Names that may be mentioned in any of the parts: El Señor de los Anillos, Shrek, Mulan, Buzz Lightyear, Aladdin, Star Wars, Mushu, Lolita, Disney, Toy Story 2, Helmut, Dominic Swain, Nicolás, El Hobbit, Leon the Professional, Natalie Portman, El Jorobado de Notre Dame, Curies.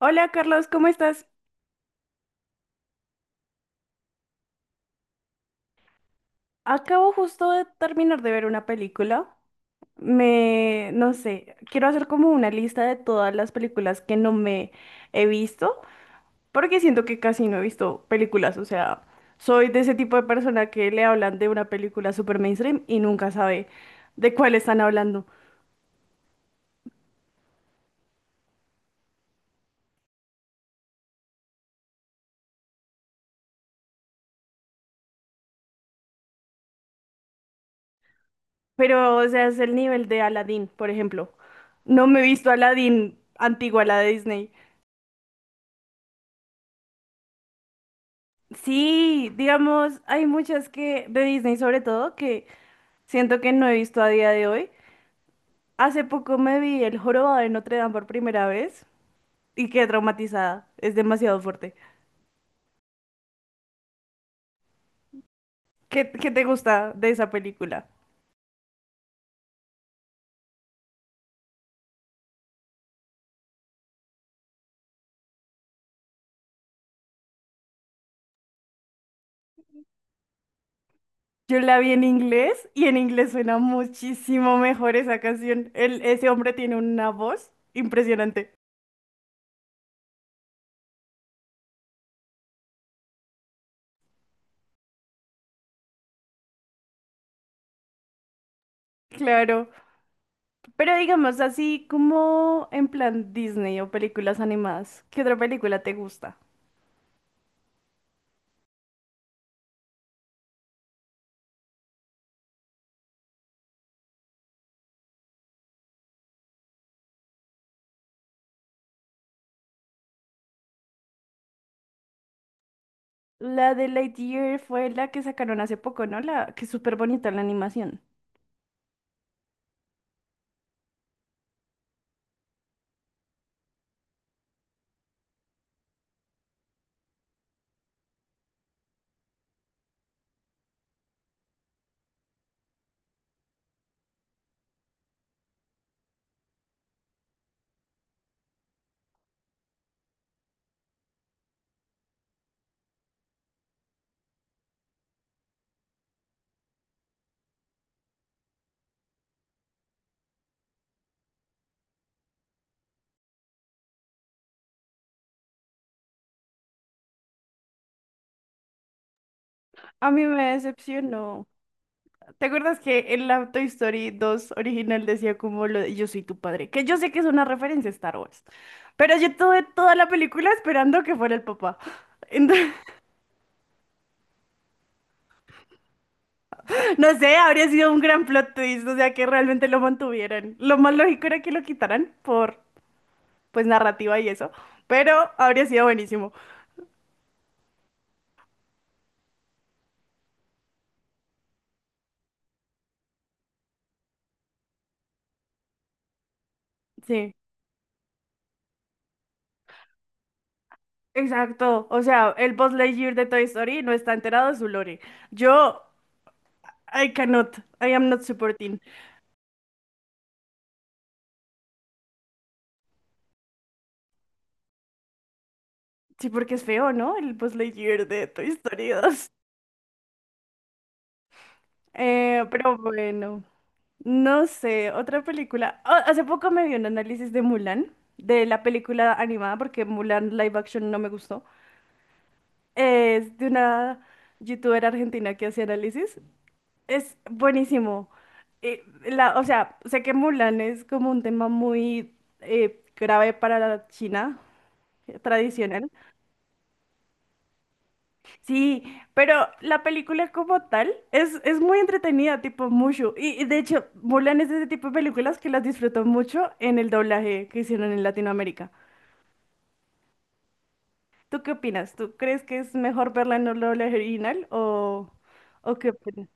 Hola Carlos, ¿cómo estás? Acabo justo de terminar de ver una película. No sé, quiero hacer como una lista de todas las películas que no me he visto, porque siento que casi no he visto películas, o sea, soy de ese tipo de persona que le hablan de una película super mainstream y nunca sabe de cuál están hablando. Pero, o sea, es el nivel de Aladdin, por ejemplo. No me he visto Aladdin antigua, la de Disney. Sí, digamos, hay muchas que de Disney sobre todo que siento que no he visto a día de hoy. Hace poco me vi El Jorobado de Notre Dame por primera vez y quedé traumatizada. Es demasiado fuerte. ¿Qué te gusta de esa película? Yo la vi en inglés y en inglés suena muchísimo mejor esa canción. Ese hombre tiene una voz impresionante. Claro. Pero digamos así como en plan Disney o películas animadas. ¿Qué otra película te gusta? La de Lightyear fue la que sacaron hace poco, ¿no? La que es súper bonita la animación. A mí me decepcionó. ¿Te acuerdas que en la Toy Story dos original decía como lo de yo soy tu padre? Que yo sé que es una referencia a Star Wars, pero yo tuve toda la película esperando que fuera el papá. Entonces, no sé, habría sido un gran plot twist, o sea, que realmente lo mantuvieran. Lo más lógico era que lo quitaran por, pues, narrativa y eso, pero habría sido buenísimo. Sí, exacto. O sea, el Buzz Lightyear de Toy Story no está enterado de su lore. Yo, I cannot, I am not supporting. Sí, porque es feo, ¿no? El Buzz Lightyear de Toy Story 2. Pero bueno, no sé, otra película. Ah, hace poco me vi un análisis de Mulan, de la película animada, porque Mulan live action no me gustó. Es de una youtuber argentina que hace análisis. Es buenísimo. O sea, sé que Mulan es como un tema muy grave para la China tradicional. Sí, pero la película como tal es muy entretenida, tipo Mushu. Y de hecho, Mulan es de ese tipo de películas que las disfruto mucho en el doblaje que hicieron en Latinoamérica. ¿Tú qué opinas? ¿Tú crees que es mejor verla en el doblaje original o qué opinas?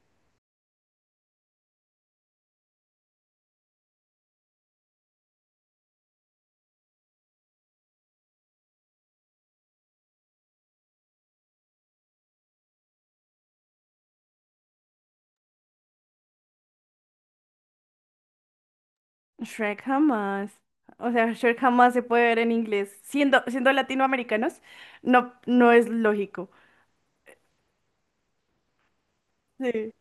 Shrek jamás. O sea, Shrek jamás se puede ver en inglés. Siendo latinoamericanos, no es lógico. Sí.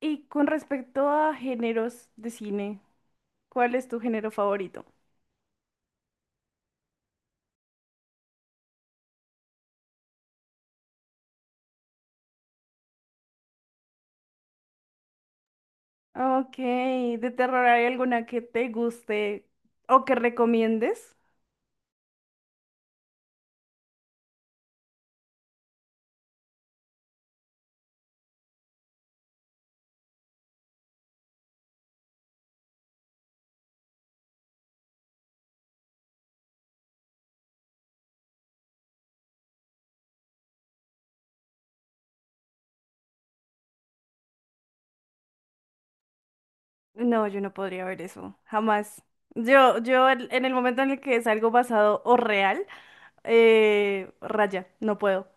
Y con respecto a géneros de cine, ¿cuál es tu género favorito? Ok, ¿de terror hay alguna que te guste o que recomiendes? No, yo no podría ver eso, jamás. Yo en el momento en el que es algo basado o real, raya, no puedo.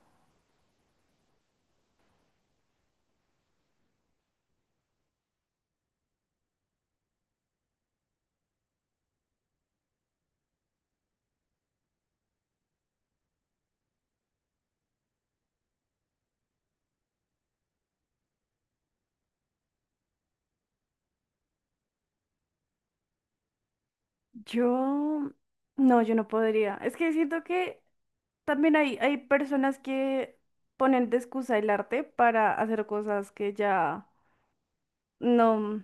Yo, no, yo no podría. Es que siento que también hay personas que ponen de excusa el arte para hacer cosas que ya no,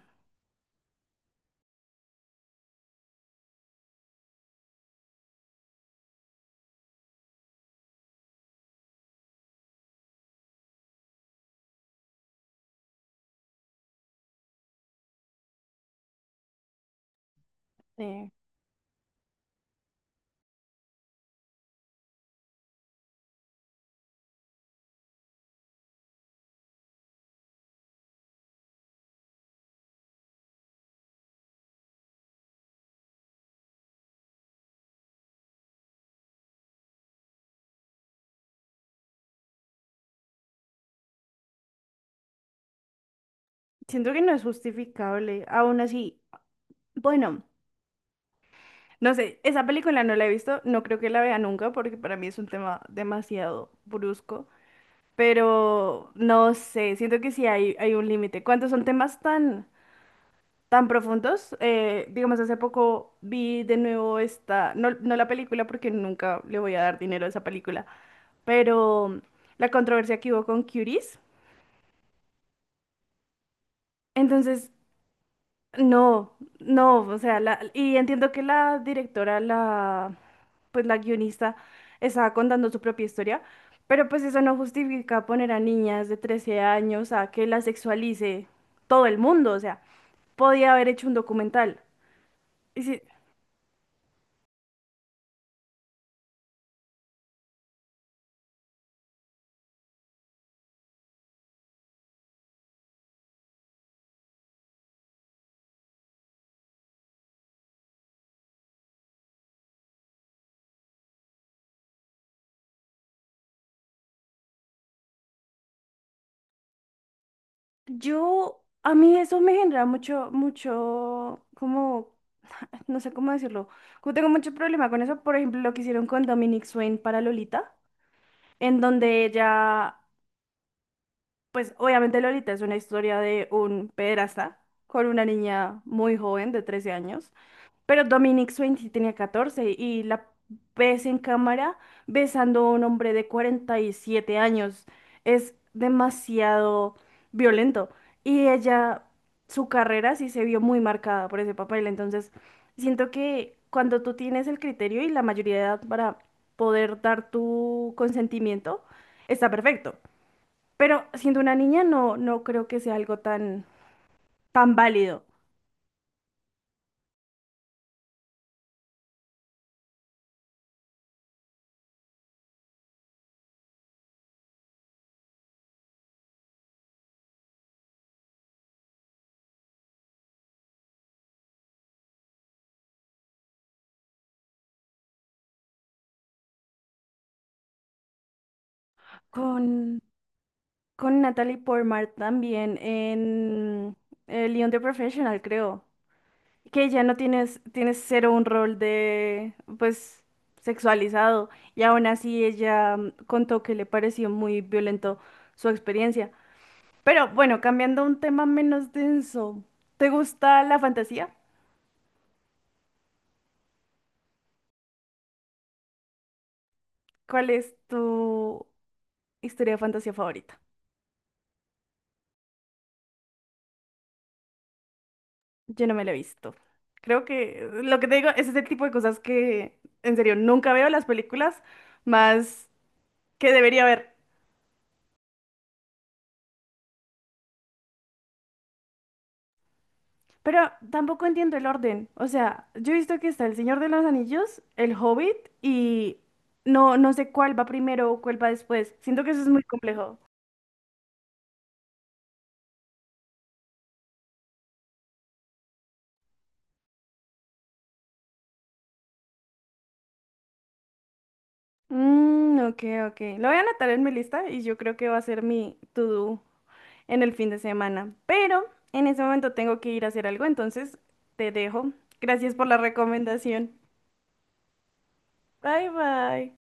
eh, siento que no es justificable. Aún así, bueno. No sé, esa película no la he visto, no creo que la vea nunca porque para mí es un tema demasiado brusco, pero no sé, siento que sí hay un límite. Cuando son temas tan profundos, digamos, hace poco vi de nuevo esta, no, no la película porque nunca le voy a dar dinero a esa película, pero la controversia que hubo con Curies. Entonces No, no, o sea, la, y entiendo que la directora, la, pues la guionista, estaba contando su propia historia, pero pues eso no justifica poner a niñas de 13 años a que la sexualice todo el mundo, o sea, podía haber hecho un documental. Y si- yo, a mí eso me genera mucho, mucho, como, no sé cómo decirlo, como tengo mucho problema con eso, por ejemplo, lo que hicieron con Dominic Swain para Lolita en donde ella pues obviamente Lolita es una historia de un pederasta con una niña muy joven de 13 años, pero Dominic Swain sí tenía 14 y la ves en cámara besando a un hombre de 47 años. Es demasiado violento y ella, su carrera sí se vio muy marcada por ese papel, entonces siento que cuando tú tienes el criterio y la mayoría de edad para poder dar tu consentimiento, está perfecto. Pero siendo una niña no, no creo que sea algo tan, tan válido. Con, con Natalie Portman también en el Leon the Professional, creo. Que ya no tienes cero un rol de, pues, sexualizado. Y aún así ella contó que le pareció muy violento su experiencia. Pero bueno, cambiando a un tema menos denso. ¿Te gusta la fantasía? ¿Cuál es tu historia de fantasía favorita? Yo no me la he visto. Creo que lo que te digo es ese tipo de cosas que en serio nunca veo las películas más que debería ver. Pero tampoco entiendo el orden. O sea, yo he visto que está El Señor de los Anillos, El Hobbit y no sé cuál va primero o cuál va después. Siento que eso es muy complejo. Mm, ok, ok. Lo voy a anotar en mi lista y yo creo que va a ser mi to-do en el fin de semana. Pero en ese momento tengo que ir a hacer algo, entonces te dejo. Gracias por la recomendación. Bye bye.